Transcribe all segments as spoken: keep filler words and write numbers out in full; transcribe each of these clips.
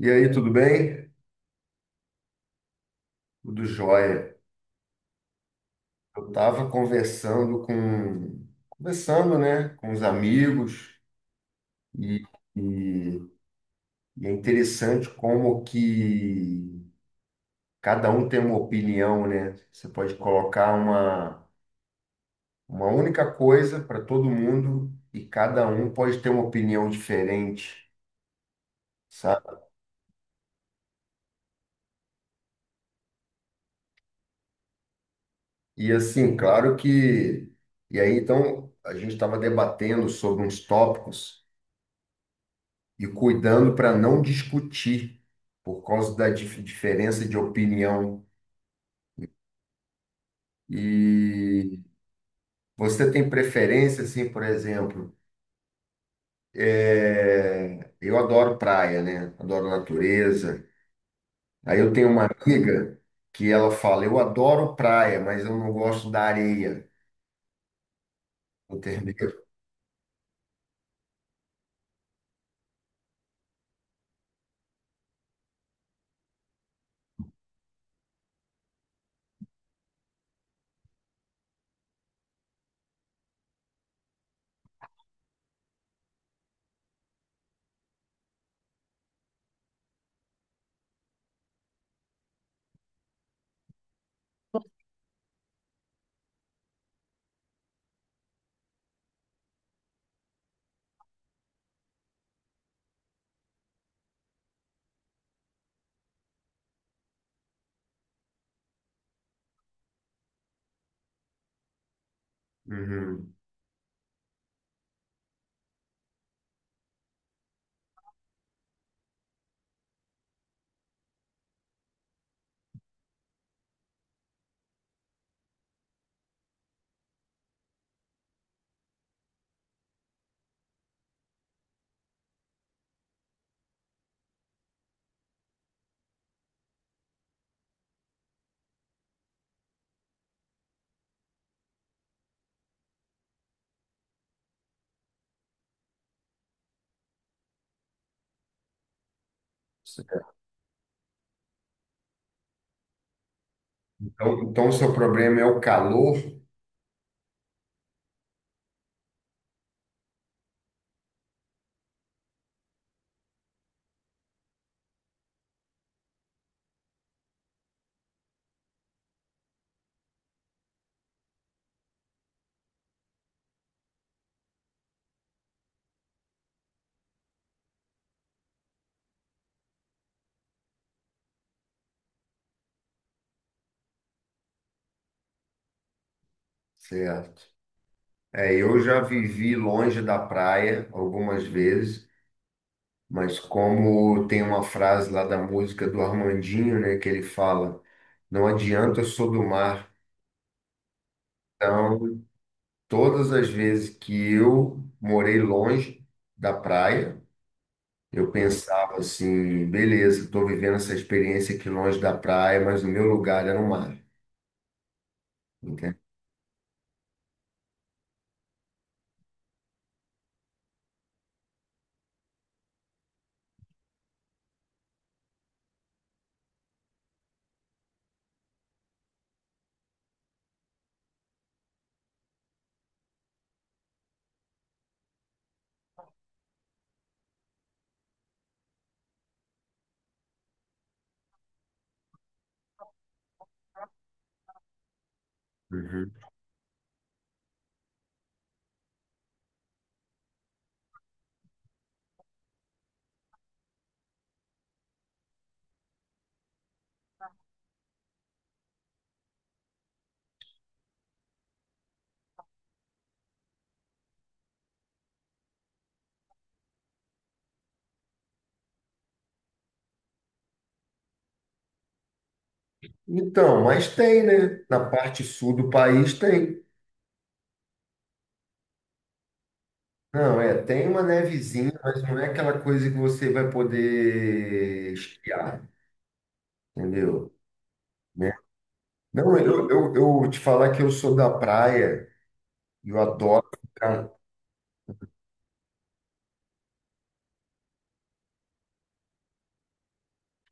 E aí, tudo bem? Tudo jóia. Eu estava conversando com, conversando, né, com os amigos e, e- e é interessante como que cada um tem uma opinião, né? Você pode colocar uma, uma única coisa para todo mundo e cada um pode ter uma opinião diferente, sabe? E assim, claro que... E aí, então, a gente estava debatendo sobre uns tópicos e cuidando para não discutir por causa da dif- diferença de opinião. E você tem preferência, assim, por exemplo, é, eu adoro praia, né? Adoro natureza. Aí eu tenho uma amiga que ela fala, eu adoro praia, mas eu não gosto da areia, entendeu? Uhum. Certo. Então, então, o seu problema é o calor, certo? É, eu já vivi longe da praia algumas vezes. Mas como tem uma frase lá da música do Armandinho, né, que ele fala, não adianta, eu sou do mar. Então, todas as vezes que eu morei longe da praia, eu pensava assim, beleza, estou vivendo essa experiência aqui longe da praia, mas o meu lugar era o mar, entende? Uhum. Então, mas tem, né? Na parte sul do país tem. Não, é, tem uma nevezinha, mas não é aquela coisa que você vai poder esquiar, entendeu? Não, eu, eu, eu te falar que eu sou da praia e eu adoro ficar.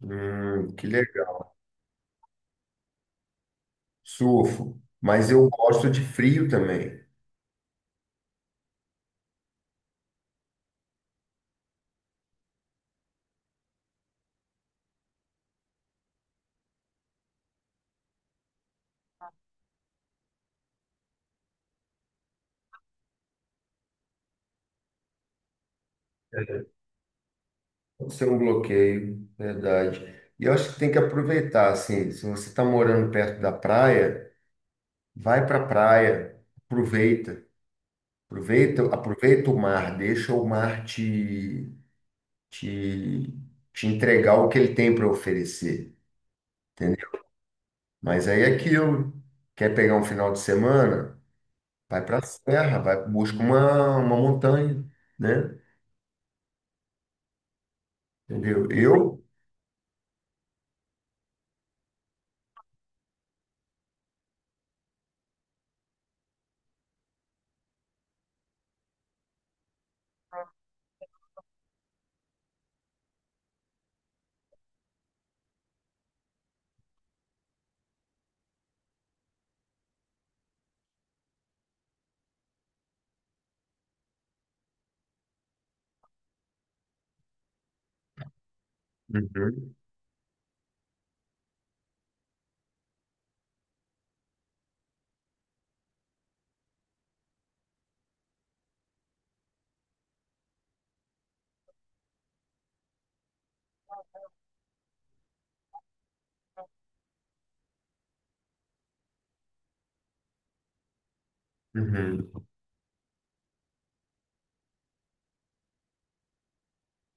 Hum, que legal. Surfo. Mas eu gosto de frio também. Pode ser um bloqueio, verdade. E eu acho que tem que aproveitar, assim, se você está morando perto da praia, vai para a praia, aproveita. Aproveita, aproveita o mar, deixa o mar te, te, te entregar o que ele tem para oferecer, entendeu? Mas aí é aquilo. Quer pegar um final de semana? Vai para a serra, vai, busca uma, uma montanha, né? Entendeu? Eu, uhum, uhum.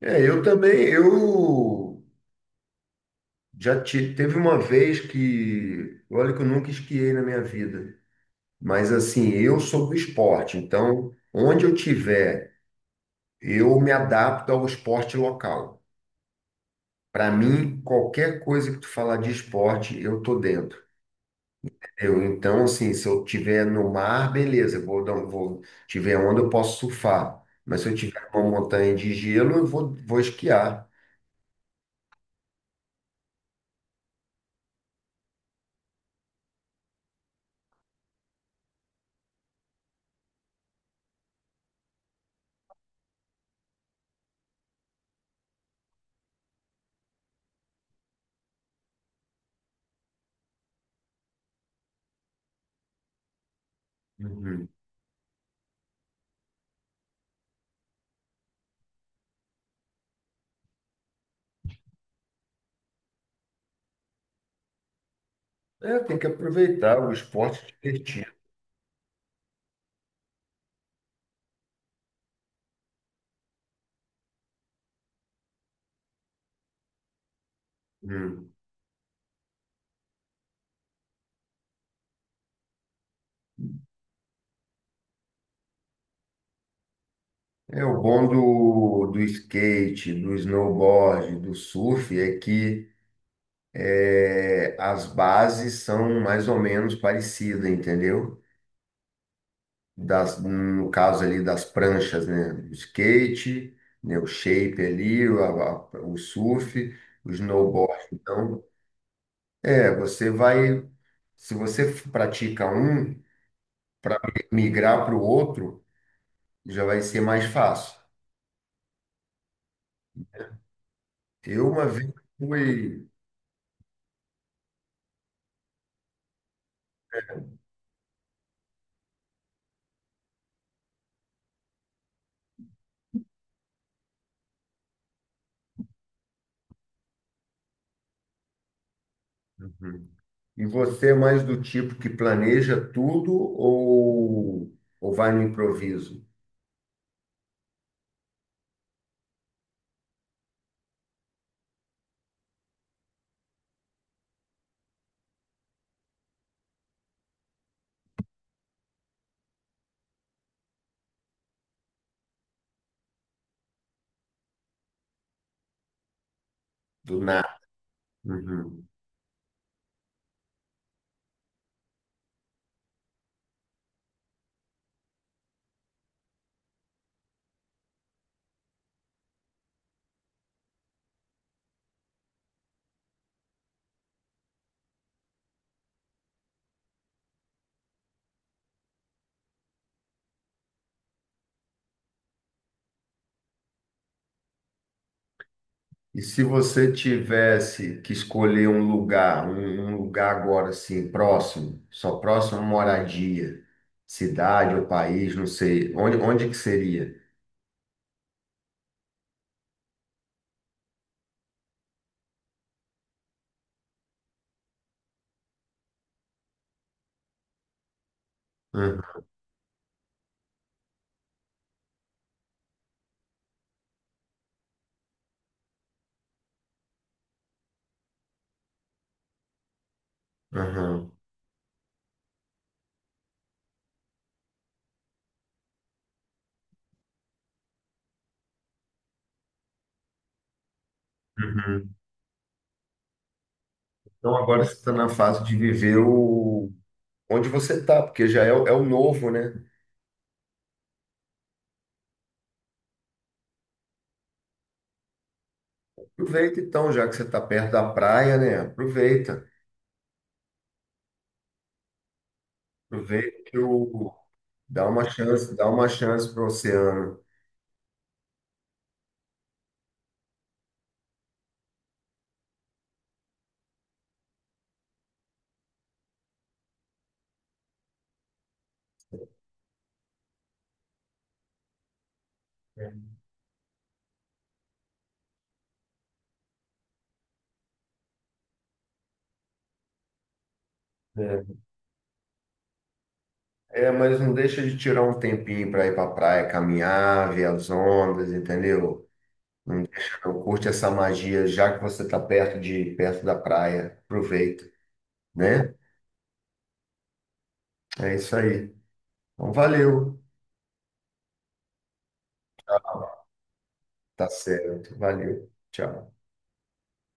É, eu também, eu já ti- teve uma vez que, olha que eu nunca esquiei na minha vida, mas assim, eu sou do esporte, então onde eu tiver, eu me adapto ao esporte local. Para mim, qualquer coisa que tu falar de esporte, eu tô dentro. Eu, então, assim, se eu tiver no mar, beleza, eu vou, dar um- vou, tiver onda, eu posso surfar. Mas se eu tiver uma montanha de gelo, eu vou, vou esquiar. Uhum. É, tem que aproveitar o esporte é divertido. Uhum. É, o bom do, do skate, do snowboard, do surf é que é, as bases são mais ou menos parecidas, entendeu? Das, no caso ali das pranchas, né? O skate, né? O shape ali, o, a- a- o surf, o snowboard. Então, é, você vai, se você f- pratica um, para migrar para o outro, já vai ser mais fácil. Eu uma vez fui. Uhum. E você é mais do tipo que planeja tudo ou, ou vai no improviso, do nada? Uhum. E se você tivesse que escolher um lugar, um, um lugar agora assim, próximo, só próximo à moradia, cidade ou país, não sei, onde, onde que seria? Hum, aham, uhum. Então agora você está na fase de viver o onde você está, porque já é, o- é o novo, né? Aproveita então, já que você está perto da praia, né? Aproveita, aproveita que o... dá uma chance, dá uma chance para o oceano. É. É, mas não deixa de tirar um tempinho para ir para praia, caminhar, ver as ondas, entendeu? Eu curte essa magia, já que você está perto de perto da praia, aproveita, né? É isso aí. Então, valeu. Tá certo. Valeu. Tchau.